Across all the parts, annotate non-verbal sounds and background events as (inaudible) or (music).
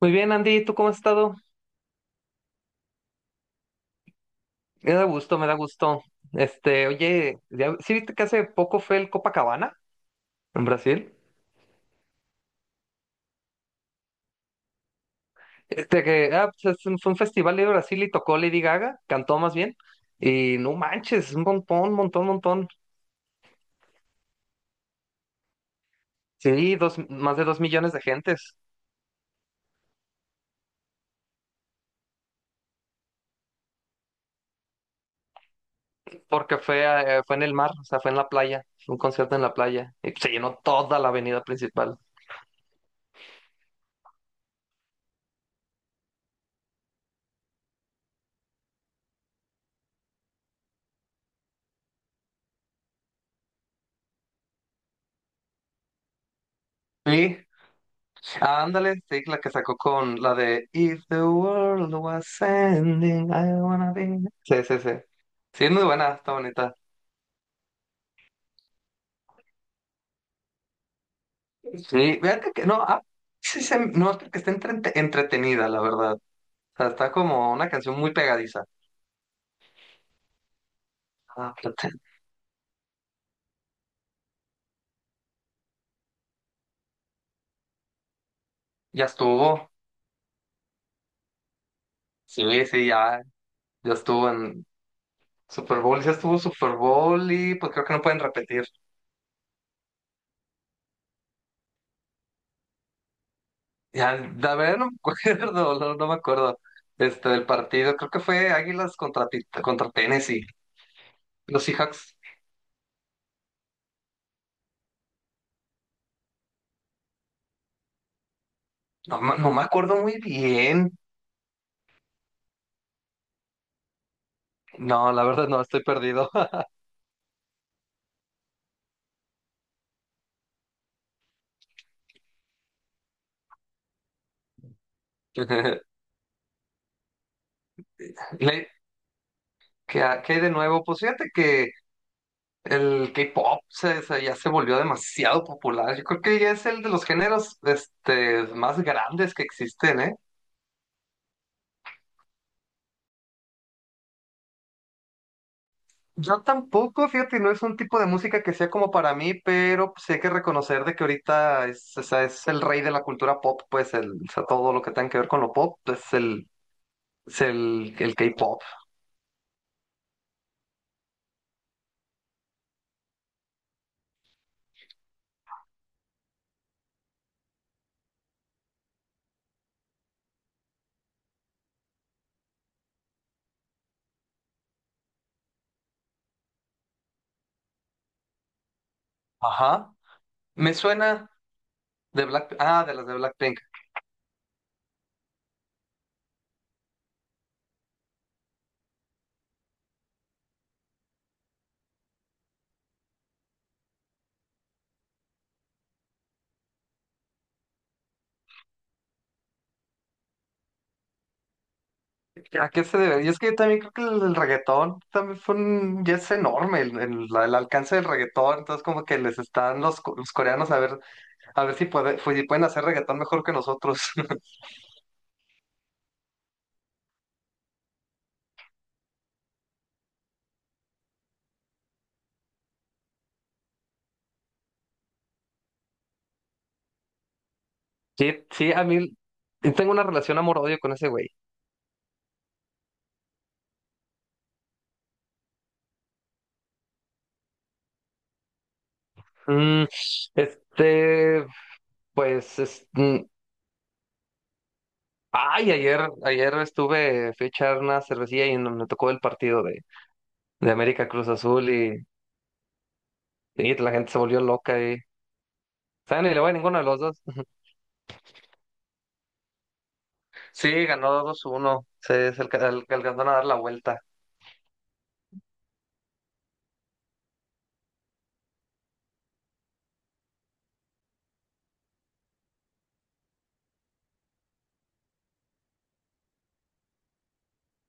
Muy bien, Andy, ¿tú cómo has estado? Me da gusto, me da gusto. Oye, ¿sí viste que hace poco fue el Copacabana en Brasil? Pues, fue un festival de Brasil y tocó Lady Gaga, cantó más bien. Y no manches, un montón, montón, montón. Sí, dos, más de 2 millones de gentes, porque fue en el mar, o sea, fue en la playa, fue un concierto en la playa, y se llenó toda la avenida principal. Sí. Ah, ándale, sí, la que sacó con la de If the world was ending, I wanna be. Sí, sí, sí. Sí, es muy buena, está bonita. Sí, vean no, sí, no, que está entretenida, la verdad. O sea, está como una canción muy pegadiza. Ah, espérate. Ya estuvo. Sí, sí, ya estuvo en Super Bowl, ya estuvo Super Bowl y pues creo que no pueden repetir. Ya, la verdad no me acuerdo, (laughs) no me acuerdo. Del partido, creo que fue Águilas contra Tennessee. Los Seahawks, no, no me acuerdo muy bien. No, la verdad no, estoy perdido. (laughs) Le- ¿qué hay de nuevo? Pues fíjate que el K-pop ya se volvió demasiado popular. Yo creo que ya es el de los géneros más grandes que existen, ¿eh? Yo tampoco, fíjate, no es un tipo de música que sea como para mí, pero pues, sí hay que reconocer de que ahorita es, o sea, es el rey de la cultura pop, pues el, o sea, todo lo que tenga que ver con lo pop, pues el, es el K-pop. Ajá. Me suena, de las de Blackpink. ¿A qué se debe? Y es que yo también creo que el reggaetón también ya es enorme el alcance del reggaetón. Entonces, como que les están los coreanos a ver si, puede, pues, si pueden hacer reggaetón mejor que nosotros. (laughs) Sí, sí, a mí y tengo una relación amor-odio con ese güey. Mm, este, pues, ay, ayer estuve, fui a echar una cervecilla y me tocó el partido de América Cruz Azul y la gente se volvió loca. Sea, ni le voy a ninguno de los dos. (laughs) Sí, ganó 2-1. Es el que alcanzaron a dar la vuelta.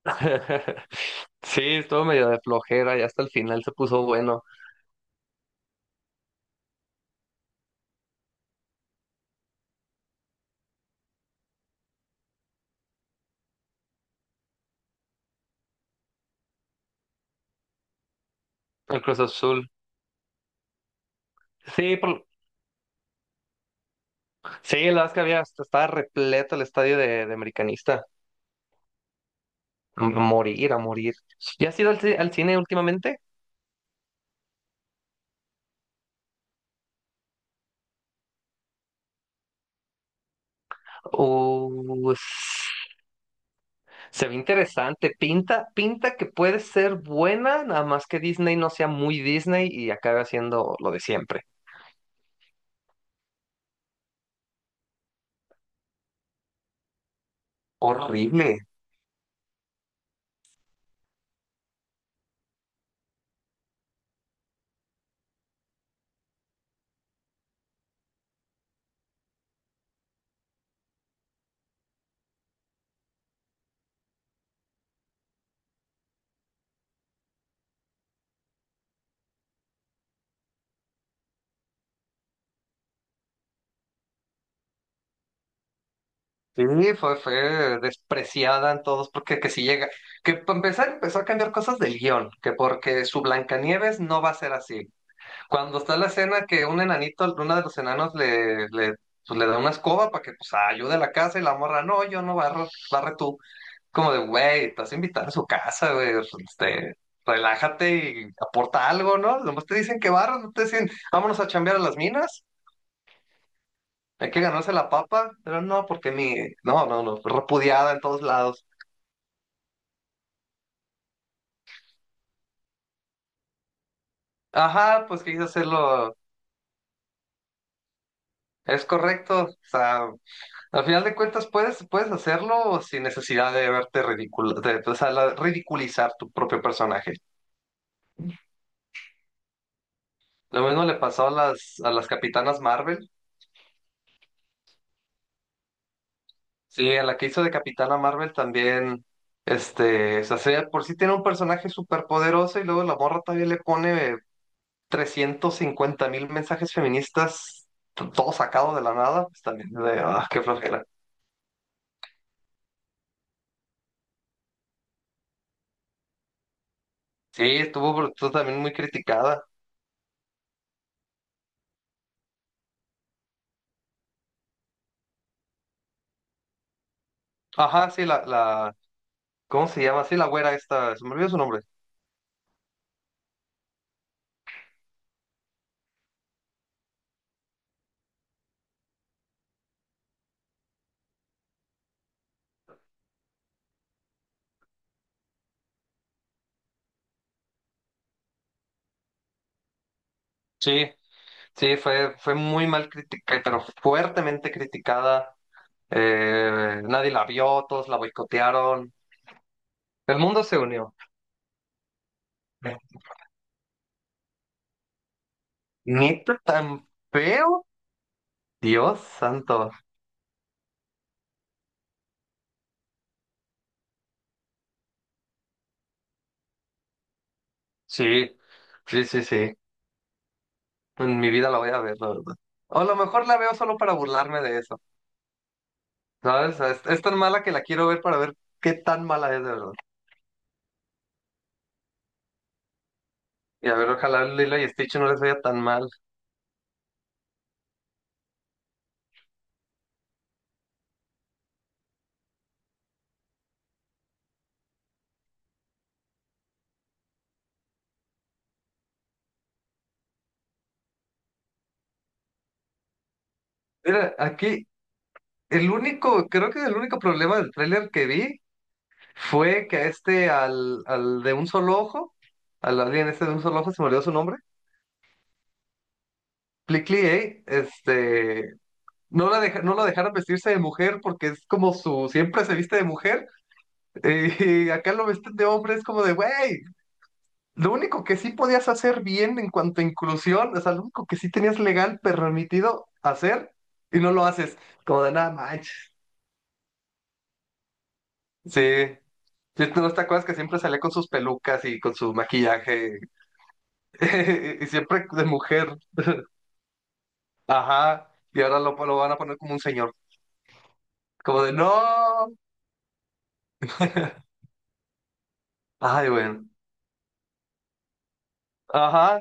(laughs) Sí, estuvo medio de flojera y hasta el final se puso bueno el Cruz Azul. Sí, sí, la verdad es que estaba repleto el estadio de Americanista. A morir, a morir. ¿Ya has ido al cine últimamente? Uh, Se ve interesante. Pinta, pinta que puede ser buena, nada más que Disney no sea muy Disney y acabe haciendo lo de siempre. Horrible. Sí, fue despreciada en todos, porque que si llega, que para empezar empezó a cambiar cosas del guión, que porque su Blancanieves no va a ser así. Cuando está la escena que un enanito, uno de los enanos pues, le da una escoba para que pues, ayude a la casa y la morra, no, yo no barro, barre tú. Como de, güey, estás invitado a su casa, güey, este, relájate y aporta algo, ¿no? Nomás te dicen que barras, no te dicen, vámonos a chambear a las minas. Hay que ganarse la papa, pero no, porque no, no, no, fue repudiada en todos lados. Ajá, pues quise hacerlo, es correcto, o sea, al final de cuentas puedes, hacerlo sin necesidad de verte ridículo, de, o sea, ridiculizar tu propio personaje. Lo mismo le pasó a las Capitanas Marvel, sí, a la que hizo de Capitana Marvel también, o sea, por sí tiene un personaje súper poderoso y luego la morra todavía le pone 350.000 mensajes feministas, todo sacado de la nada, pues también, de, qué flojera. Sí, estuvo también muy criticada. Ajá, sí, ¿cómo se llama? Sí, la güera esta, se me olvidó su nombre. Sí, sí, fue muy mal criticada, pero fuertemente criticada. Nadie la vio, todos la boicotearon. El mundo se unió. ¿Neta tan feo? Dios santo. Sí, sí, sí, sí. En mi vida la voy a ver, la verdad. O a lo mejor la veo solo para burlarme de eso, ¿sabes? Es tan mala que la quiero ver para ver qué tan mala es de verdad. Y a ver, ojalá Lilo y Stitch no les vaya tan mal. Mira, aquí creo que el único problema del tráiler que vi fue que al de un solo ojo, al alien este de un solo ojo, se me olvidó su nombre, Plickly, no lo dejaron vestirse de mujer porque es como siempre se viste de mujer. (laughs) eh, Y acá lo visten de hombre, es como de, güey. Lo único que sí podías hacer bien en cuanto a inclusión, o sea, lo único que sí tenías legal permitido hacer y no lo haces, como de nada manches. Sí. Sí, ¿no te acuerdas que siempre salía con sus pelucas y con su maquillaje (laughs) y siempre de mujer? Ajá. Y ahora lo van a poner como un señor. Como de no. (laughs) Ay, bueno. Ajá.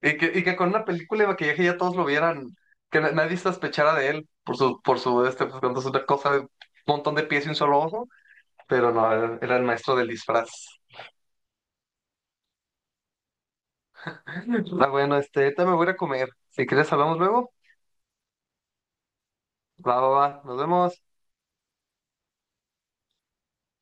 Y que con una película de maquillaje ya todos lo vieran, que nadie sospechara de él por su, pues, cuando es una cosa de un montón de pies y un solo ojo. Pero no, era el maestro del disfraz. (laughs) Ah, bueno, ahorita me voy a ir a comer. Si quieres, hablamos luego. Va, va, va. Nos vemos.